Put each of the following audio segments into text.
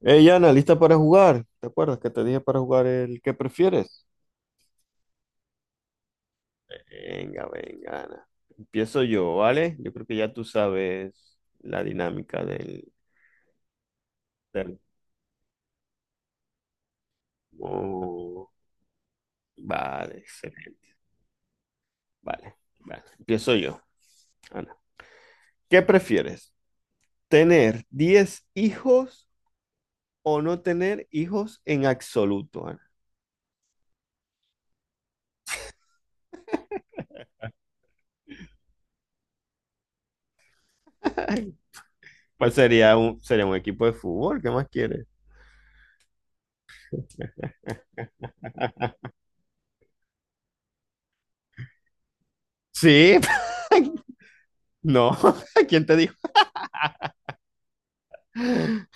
Ey, Ana, ¿lista para jugar? ¿Te acuerdas que te dije para jugar el que prefieres? Venga, venga, Ana. Empiezo yo, ¿vale? Yo creo que ya tú sabes la dinámica. Del- Oh, vale, excelente. Vale, vale. Empiezo yo, Ana. ¿Qué prefieres? ¿Tener 10 hijos o no tener hijos en absoluto, Ana? Pues sería un equipo de fútbol, ¿qué más quieres? Sí, no, ¿quién te dijo?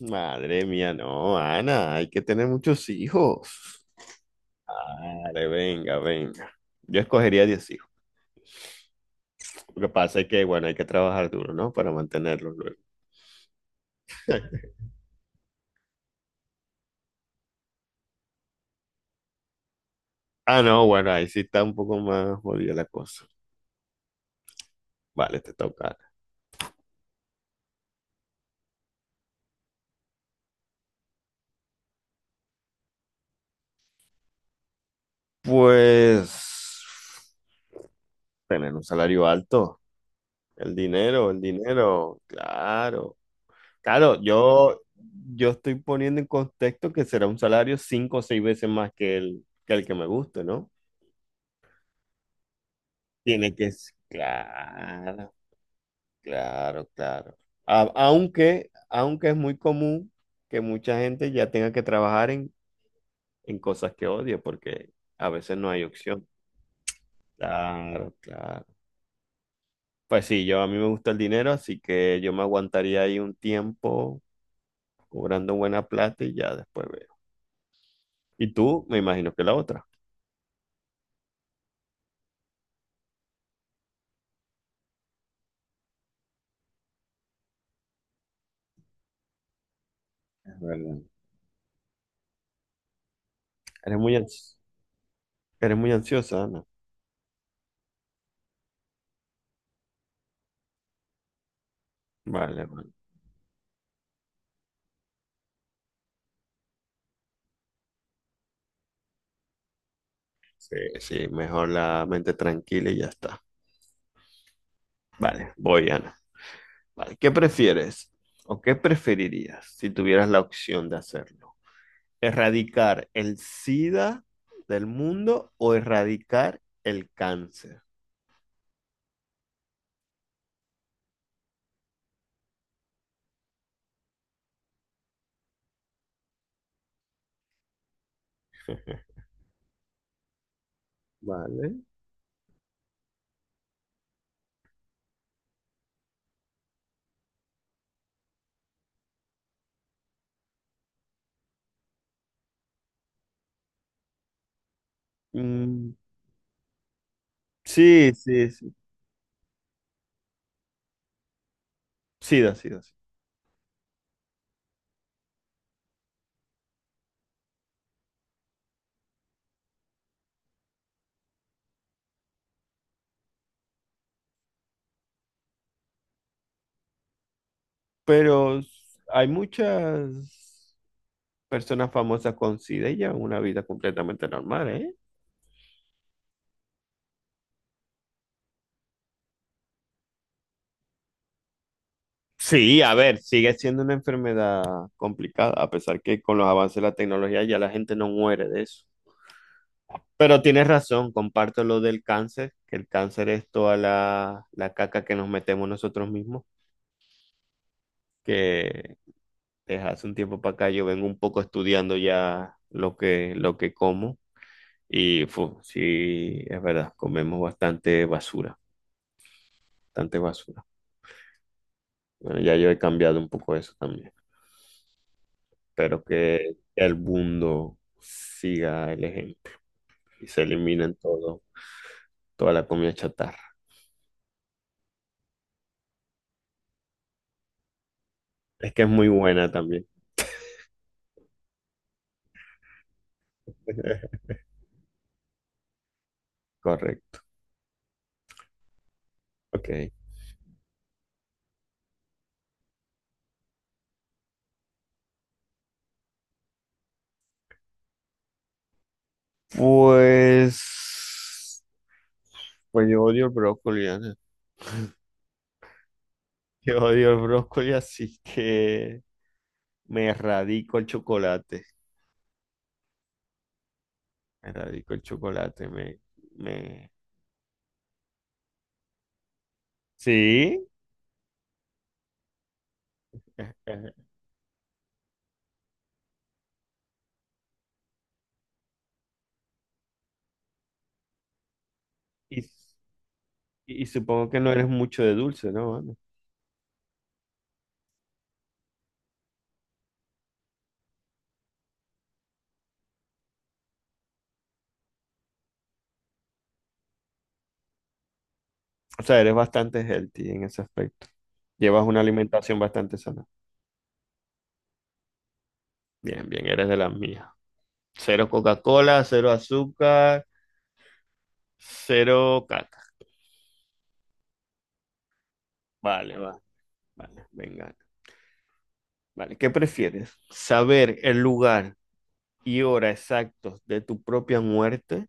Madre mía, no, Ana, hay que tener muchos hijos. Vale, venga, venga. Yo escogería 10 hijos. Lo que pasa es que, bueno, hay que trabajar duro, ¿no? Para mantenerlos luego. Ah, no, bueno, ahí sí está un poco más jodida la cosa. Vale, te toca. Pues, tener un salario alto. El dinero, claro. Claro, yo estoy poniendo en contexto que será un salario cinco o seis veces más que el que me guste, ¿no? Tiene que ser, claro, claro, claro. Aunque es muy común que mucha gente ya tenga que trabajar en cosas que odia, porque a veces no hay opción. Claro, claro. Pues sí, yo a mí me gusta el dinero, así que yo me aguantaría ahí un tiempo cobrando buena plata y ya después veo. Y tú, me imagino que la otra. Es verdad. Eres muy, ans- eres muy ansiosa, Ana. Vale, vale. Sí, sí, mejor la mente tranquila y ya está. Vale, voy, Ana. Vale, ¿qué prefieres o qué preferirías si tuvieras la opción de hacerlo? ¿Erradicar el SIDA del mundo o erradicar el cáncer? Vale. Mm, sí, sí, sí. SIDA, SIDA, sí. Pero hay muchas personas famosas con SIDA y llevan una vida completamente normal, ¿eh? Sí, a ver, sigue siendo una enfermedad complicada, a pesar que con los avances de la tecnología ya la gente no muere de eso. Pero tienes razón, comparto lo del cáncer, que el cáncer es toda la caca que nos metemos nosotros mismos, que desde hace un tiempo para acá yo vengo un poco estudiando ya lo que, como y sí, es verdad, comemos bastante basura, bastante basura. Bueno, ya yo he cambiado un poco eso también. Espero que el mundo siga el ejemplo y se eliminen todo, toda la comida chatarra. Es que es muy buena también. Correcto. Ok. Pues, pues yo odio el brócoli, Ana. Yo odio el brócoli, así que me erradico el chocolate. Me erradico el chocolate, me... Sí, eh, eh, y, y supongo que no eres mucho de dulce, ¿no? Ana? O sea, eres bastante healthy en ese aspecto. Llevas una alimentación bastante sana. Bien, bien, eres de las mías. Cero Coca-Cola, cero azúcar, cero caca. Vale, vale, venga. Vale, ¿qué prefieres? ¿Saber el lugar y hora exactos de tu propia muerte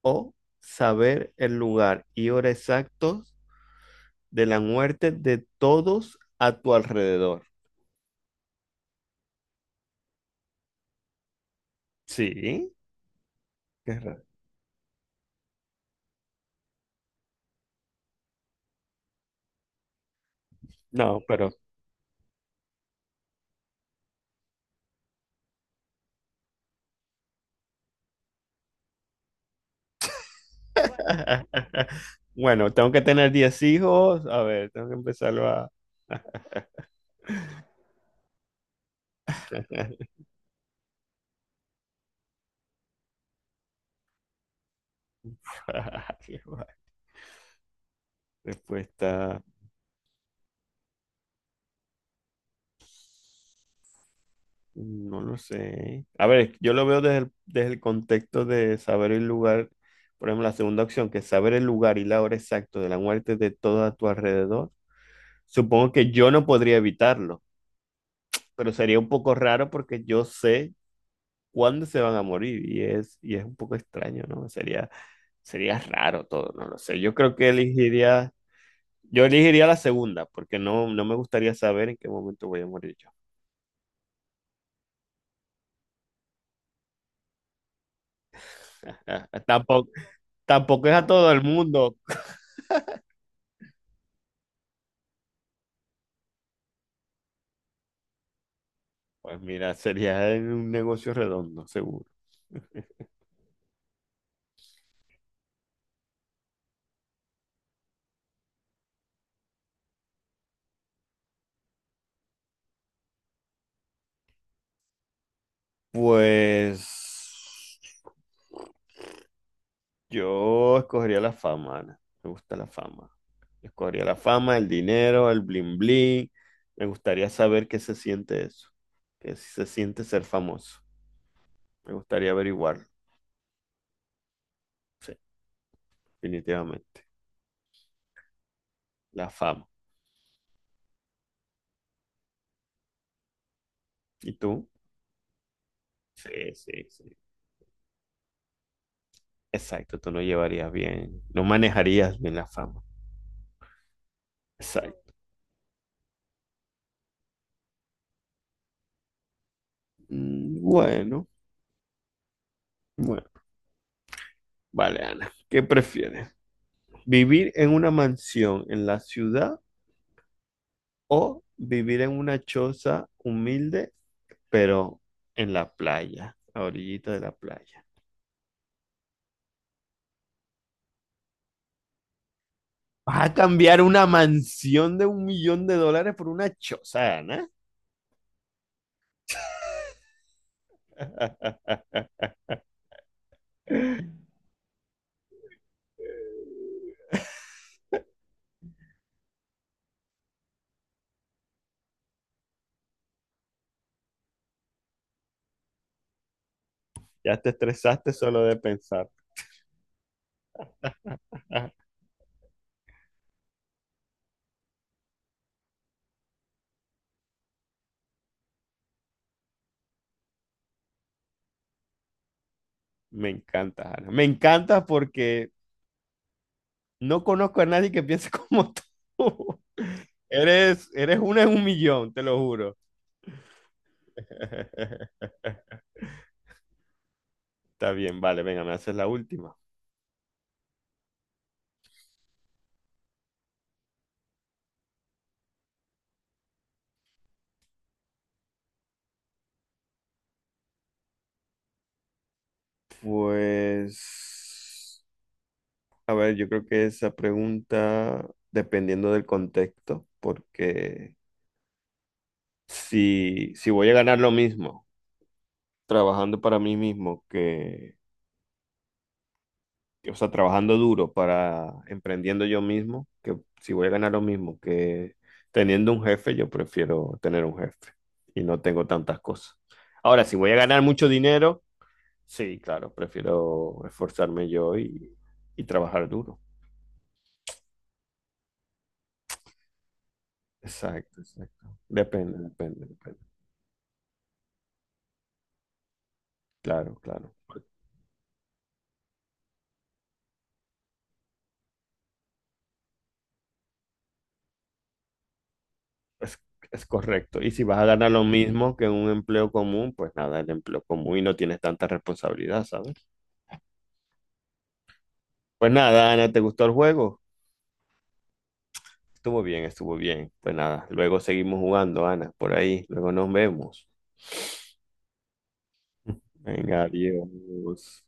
o saber el lugar y hora exactos de la muerte de todos a tu alrededor? Sí, qué raro. No, pero bueno, tengo que tener 10 hijos. A ver, tengo que empezarlo a. Respuesta. No lo sé. A ver, yo lo veo desde el, contexto de saber el lugar, por ejemplo, la segunda opción, que es saber el lugar y la hora exacta de la muerte de todo a tu alrededor. Supongo que yo no podría evitarlo, pero sería un poco raro porque yo sé cuándo se van a morir y es un poco extraño, ¿no? Sería raro todo, no lo sé. Yo elegiría la segunda, porque no me gustaría saber en qué momento voy a morir yo. Ah, tampoco es a todo el mundo. Pues mira, sería un negocio redondo, seguro. Pues yo escogería la fama, Ana. Me gusta la fama. Escogería la fama, el dinero, el bling bling. Me gustaría saber qué se siente eso. Qué se siente ser famoso. Me gustaría averiguarlo. Sí, definitivamente. La fama. ¿Y tú? Sí, sí, sí. Exacto, tú no llevarías bien, no manejarías bien la fama. Exacto. Mm, bueno, bueno. Vale, Ana. ¿Qué prefieres? ¿Vivir en una mansión en la ciudad o vivir en una choza humilde, pero en la playa, a orillita de la playa? ¿Vas a cambiar una mansión de 1 millón de dólares por una choza, Ana? Ya te estresaste solo de pensar. Ah, me encanta, Ana. Me encanta porque no conozco a nadie que piense como tú. Eres una en un millón, te lo juro. Está bien, vale, venga, me haces la última. Pues, a ver, yo creo que esa pregunta, dependiendo del contexto, porque si voy a ganar lo mismo trabajando para mí mismo que, o sea, trabajando duro para emprendiendo yo mismo, que si voy a ganar lo mismo que teniendo un jefe, yo prefiero tener un jefe y no tengo tantas cosas. Ahora, si voy a ganar mucho dinero. Sí, claro, prefiero esforzarme yo y trabajar duro. Exacto, exacto. Depende, depende, depende. Claro, claro. Es, es correcto. Y si vas a ganar lo mismo que un empleo común, pues nada, el empleo común y no tienes tanta responsabilidad, ¿sabes? Pues nada, Ana, ¿te gustó el juego? Estuvo bien, estuvo bien. Pues nada, luego seguimos jugando, Ana, por ahí. Luego nos vemos. Venga, adiós.